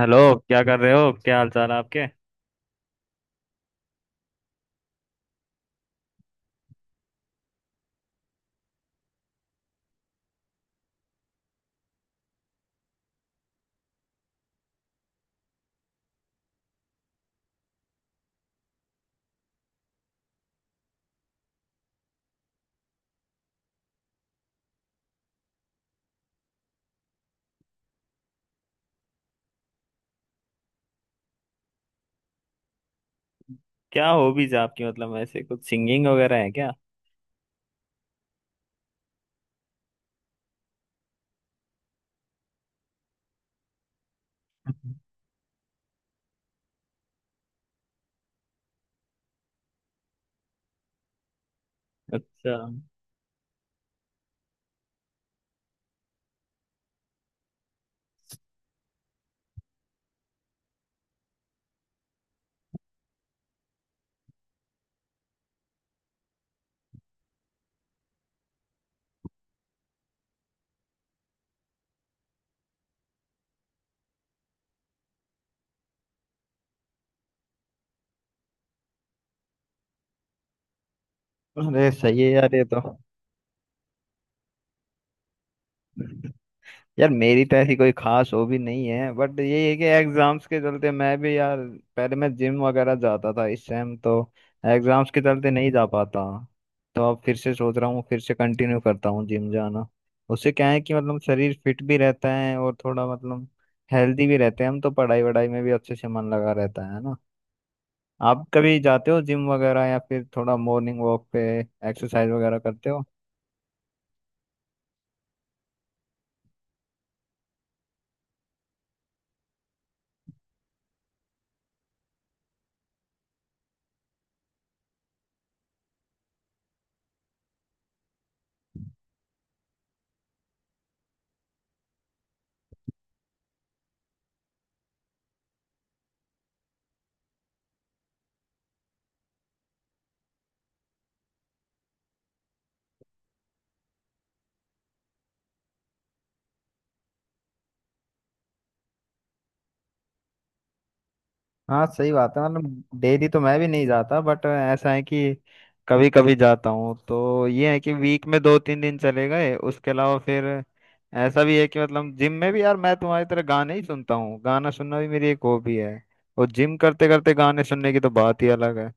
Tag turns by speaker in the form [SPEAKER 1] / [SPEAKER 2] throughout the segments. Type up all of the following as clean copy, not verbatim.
[SPEAKER 1] Hello. क्या कर रहे हो, क्या हाल चाल है आपके? क्या हॉबीज है आपकी, मतलब ऐसे कुछ सिंगिंग वगैरह है क्या? अच्छा। अरे सही है यार ये तो। यार मेरी तो ऐसी कोई खास हॉबी नहीं है। बट ये है कि एग्जाम्स के चलते मैं भी यार, पहले मैं जिम वगैरह जाता था, इस टाइम तो एग्जाम्स के चलते नहीं जा पाता। तो अब फिर से सोच रहा हूँ, फिर से कंटिन्यू करता हूँ जिम जाना। उससे क्या है कि मतलब शरीर फिट भी रहता है और थोड़ा मतलब हेल्दी भी रहते हैं हम, तो पढ़ाई वढ़ाई में भी अच्छे से मन लगा रहता है। आप कभी जाते हो जिम वगैरह या फिर थोड़ा मॉर्निंग वॉक पे एक्सरसाइज वगैरह करते हो? हाँ सही बात है, मतलब डेली तो मैं भी नहीं जाता, बट ऐसा है कि कभी कभी जाता हूँ। तो ये है कि वीक में दो तीन दिन चले गए, उसके अलावा फिर ऐसा भी है कि मतलब जिम में भी यार मैं तुम्हारी तरह गाने ही सुनता हूँ। गाना सुनना भी मेरी एक हॉबी है, और जिम करते करते गाने सुनने की तो बात ही अलग है।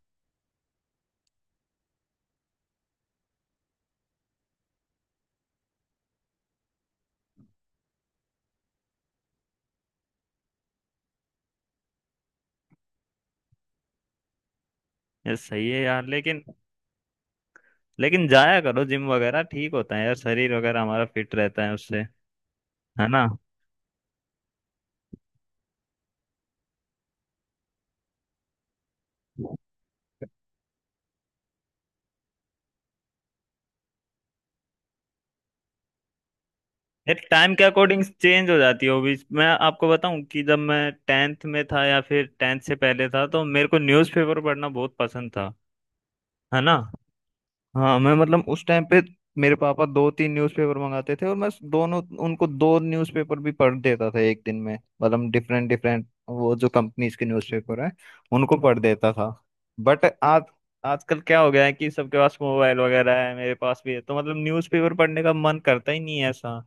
[SPEAKER 1] ये सही है यार, लेकिन लेकिन जाया करो जिम वगैरह, ठीक होता है यार, शरीर वगैरह हमारा फिट रहता है उससे। है ना? यार टाइम के अकॉर्डिंग चेंज हो जाती है हॉबीज। मैं आपको बताऊं कि जब मैं टेंथ में था या फिर टेंथ से पहले था, तो मेरे को न्यूज़पेपर पढ़ना बहुत पसंद था। है ना? हाँ, मैं मतलब उस टाइम पे मेरे पापा दो तीन न्यूज़पेपर मंगाते थे, और मैं दोनों उनको दो न्यूज़पेपर भी पढ़ देता था एक दिन में, मतलब डिफरेंट डिफरेंट वो जो कंपनीज के न्यूज़पेपर हैं उनको पढ़ देता था। बट आज आजकल क्या हो गया है कि सबके पास मोबाइल वगैरह है, मेरे पास भी है, तो मतलब न्यूज़पेपर पढ़ने का मन करता ही नहीं है ऐसा।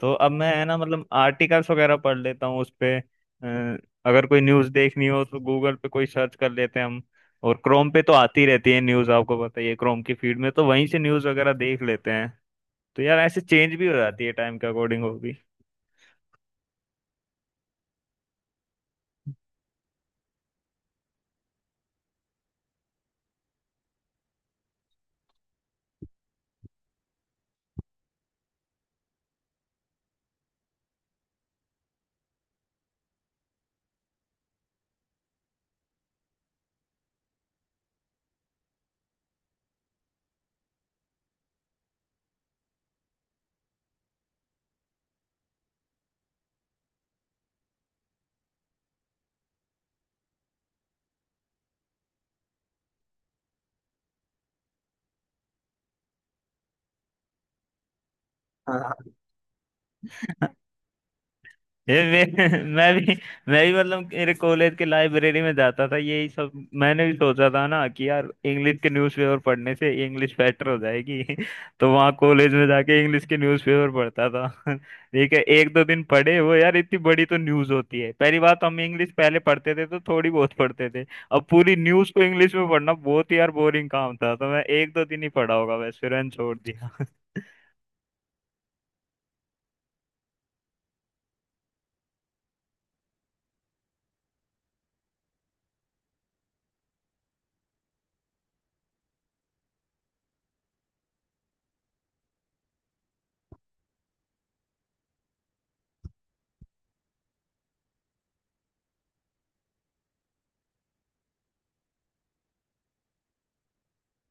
[SPEAKER 1] तो अब मैं है ना, मतलब आर्टिकल्स वगैरह पढ़ लेता हूँ उस पे। अगर कोई न्यूज़ देखनी हो तो गूगल पे कोई सर्च कर लेते हैं हम। और क्रोम पे तो आती रहती है न्यूज, आपको पता ही है क्रोम की फीड में, तो वहीं से न्यूज वगैरह देख लेते हैं। तो यार ऐसे चेंज भी हो जाती है टाइम के अकॉर्डिंग वो भी। हाँ, ये मैं भी मतलब मेरे कॉलेज के लाइब्रेरी में जाता था यही सब। मैंने भी सोचा था ना कि यार इंग्लिश के न्यूज़पेपर पढ़ने से इंग्लिश बेटर हो जाएगी तो वहाँ कॉलेज में जाके इंग्लिश के न्यूज़पेपर पढ़ता था ठीक है, एक दो दिन पढ़े वो, यार इतनी बड़ी तो न्यूज़ होती है पहली बात, तो हम इंग्लिश पहले पढ़ते थे तो थोड़ी बहुत पढ़ते थे। अब पूरी न्यूज़ को इंग्लिश में पढ़ना बहुत ही यार बोरिंग काम था, तो मैं एक दो दिन ही पढ़ा होगा बस, फिर मैंने छोड़ दिया।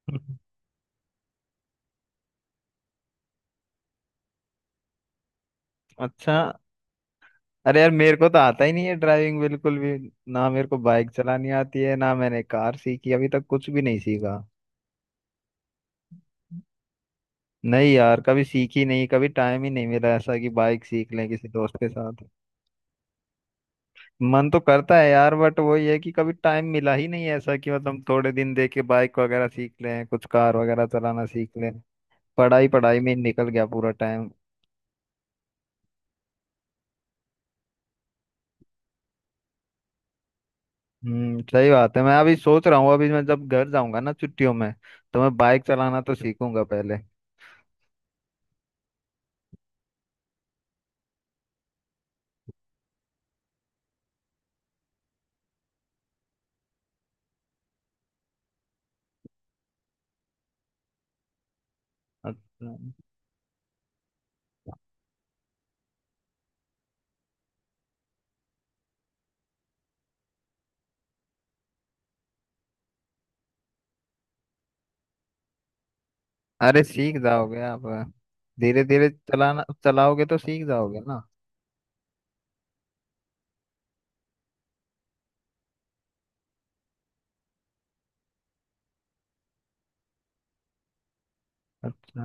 [SPEAKER 1] अच्छा। अरे यार मेरे को तो आता ही नहीं है ड्राइविंग बिल्कुल भी, ना मेरे को बाइक चलानी आती है ना मैंने कार सीखी, अभी तक कुछ भी नहीं सीखा। नहीं यार, कभी सीखी नहीं, कभी टाइम ही नहीं मिला ऐसा कि बाइक सीख लें किसी दोस्त के साथ। मन तो करता है यार, बट वही है कि कभी टाइम मिला ही नहीं है ऐसा कि मतलब थोड़े दिन दे के बाइक वगैरह सीख लें कुछ, कार वगैरह चलाना सीख लें। पढ़ाई पढ़ाई में ही निकल गया पूरा टाइम। सही बात है, मैं अभी सोच रहा हूँ, अभी मैं जब घर जाऊंगा ना छुट्टियों में, तो मैं बाइक चलाना तो सीखूंगा पहले। अच्छा। अरे सीख जाओगे आप, धीरे धीरे चलाना चलाओगे तो सीख जाओगे ना। अच्छा।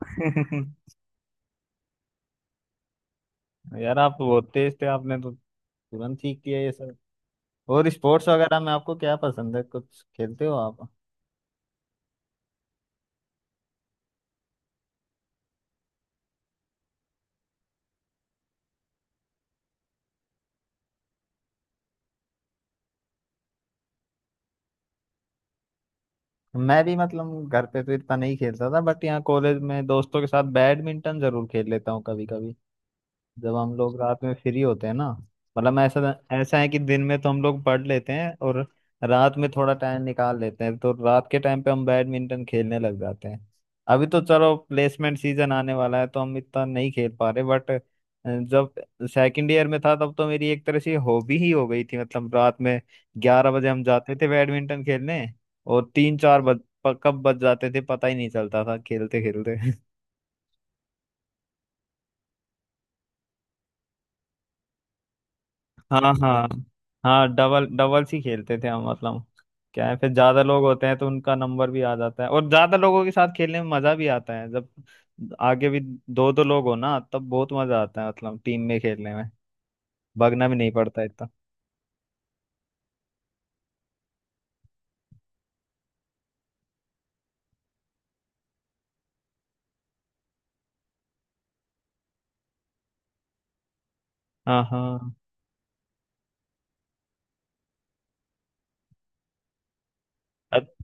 [SPEAKER 1] यार आप बहुत तेज थे, आपने तो तुरंत सीख लिया ये सब। और स्पोर्ट्स वगैरह में आपको क्या पसंद है, कुछ खेलते हो आप? मैं भी मतलब घर पे तो इतना नहीं खेलता था, बट यहाँ कॉलेज में दोस्तों के साथ बैडमिंटन जरूर खेल लेता हूँ कभी कभी। जब हम लोग रात में फ्री होते हैं ना, मतलब ऐसा ऐसा है कि दिन में तो हम लोग पढ़ लेते हैं और रात में थोड़ा टाइम निकाल लेते हैं, तो रात के टाइम पे हम बैडमिंटन खेलने लग जाते हैं। अभी तो चलो प्लेसमेंट सीजन आने वाला है तो हम इतना नहीं खेल पा रहे, बट जब सेकंड ईयर में था तब तो मेरी एक तरह से हॉबी ही हो गई थी, मतलब रात में 11 बजे हम जाते थे बैडमिंटन खेलने। और तीन चार बज प- कब बज जाते थे पता ही नहीं चलता था खेलते खेलते। हाँ, हाँ। हाँ, डबल्स ही खेलते थे हम, मतलब क्या है फिर ज्यादा लोग होते हैं तो उनका नंबर भी आ जाता है, और ज्यादा लोगों के साथ खेलने में मजा भी आता है, जब आगे भी दो दो लोग हो ना तब बहुत मजा आता है, मतलब टीम में खेलने में। भागना भी नहीं पड़ता इतना। हाँ, हाँ। अत-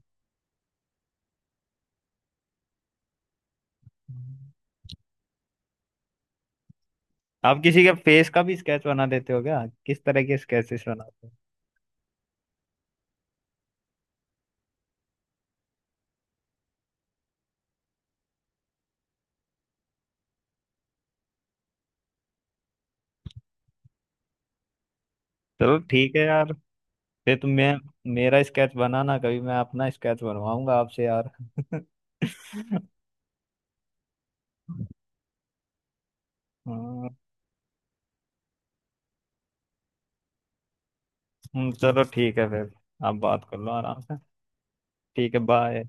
[SPEAKER 1] आप किसी के फेस का भी स्केच बना देते हो क्या, किस तरह के स्केचेस बनाते हो? चलो ठीक है यार। फिर तुम मैं मेरा स्केच बनाना कभी, मैं अपना स्केच बनवाऊंगा आपसे यार। हाँ। चलो ठीक है फिर, आप बात कर लो आराम से। ठीक है बाय।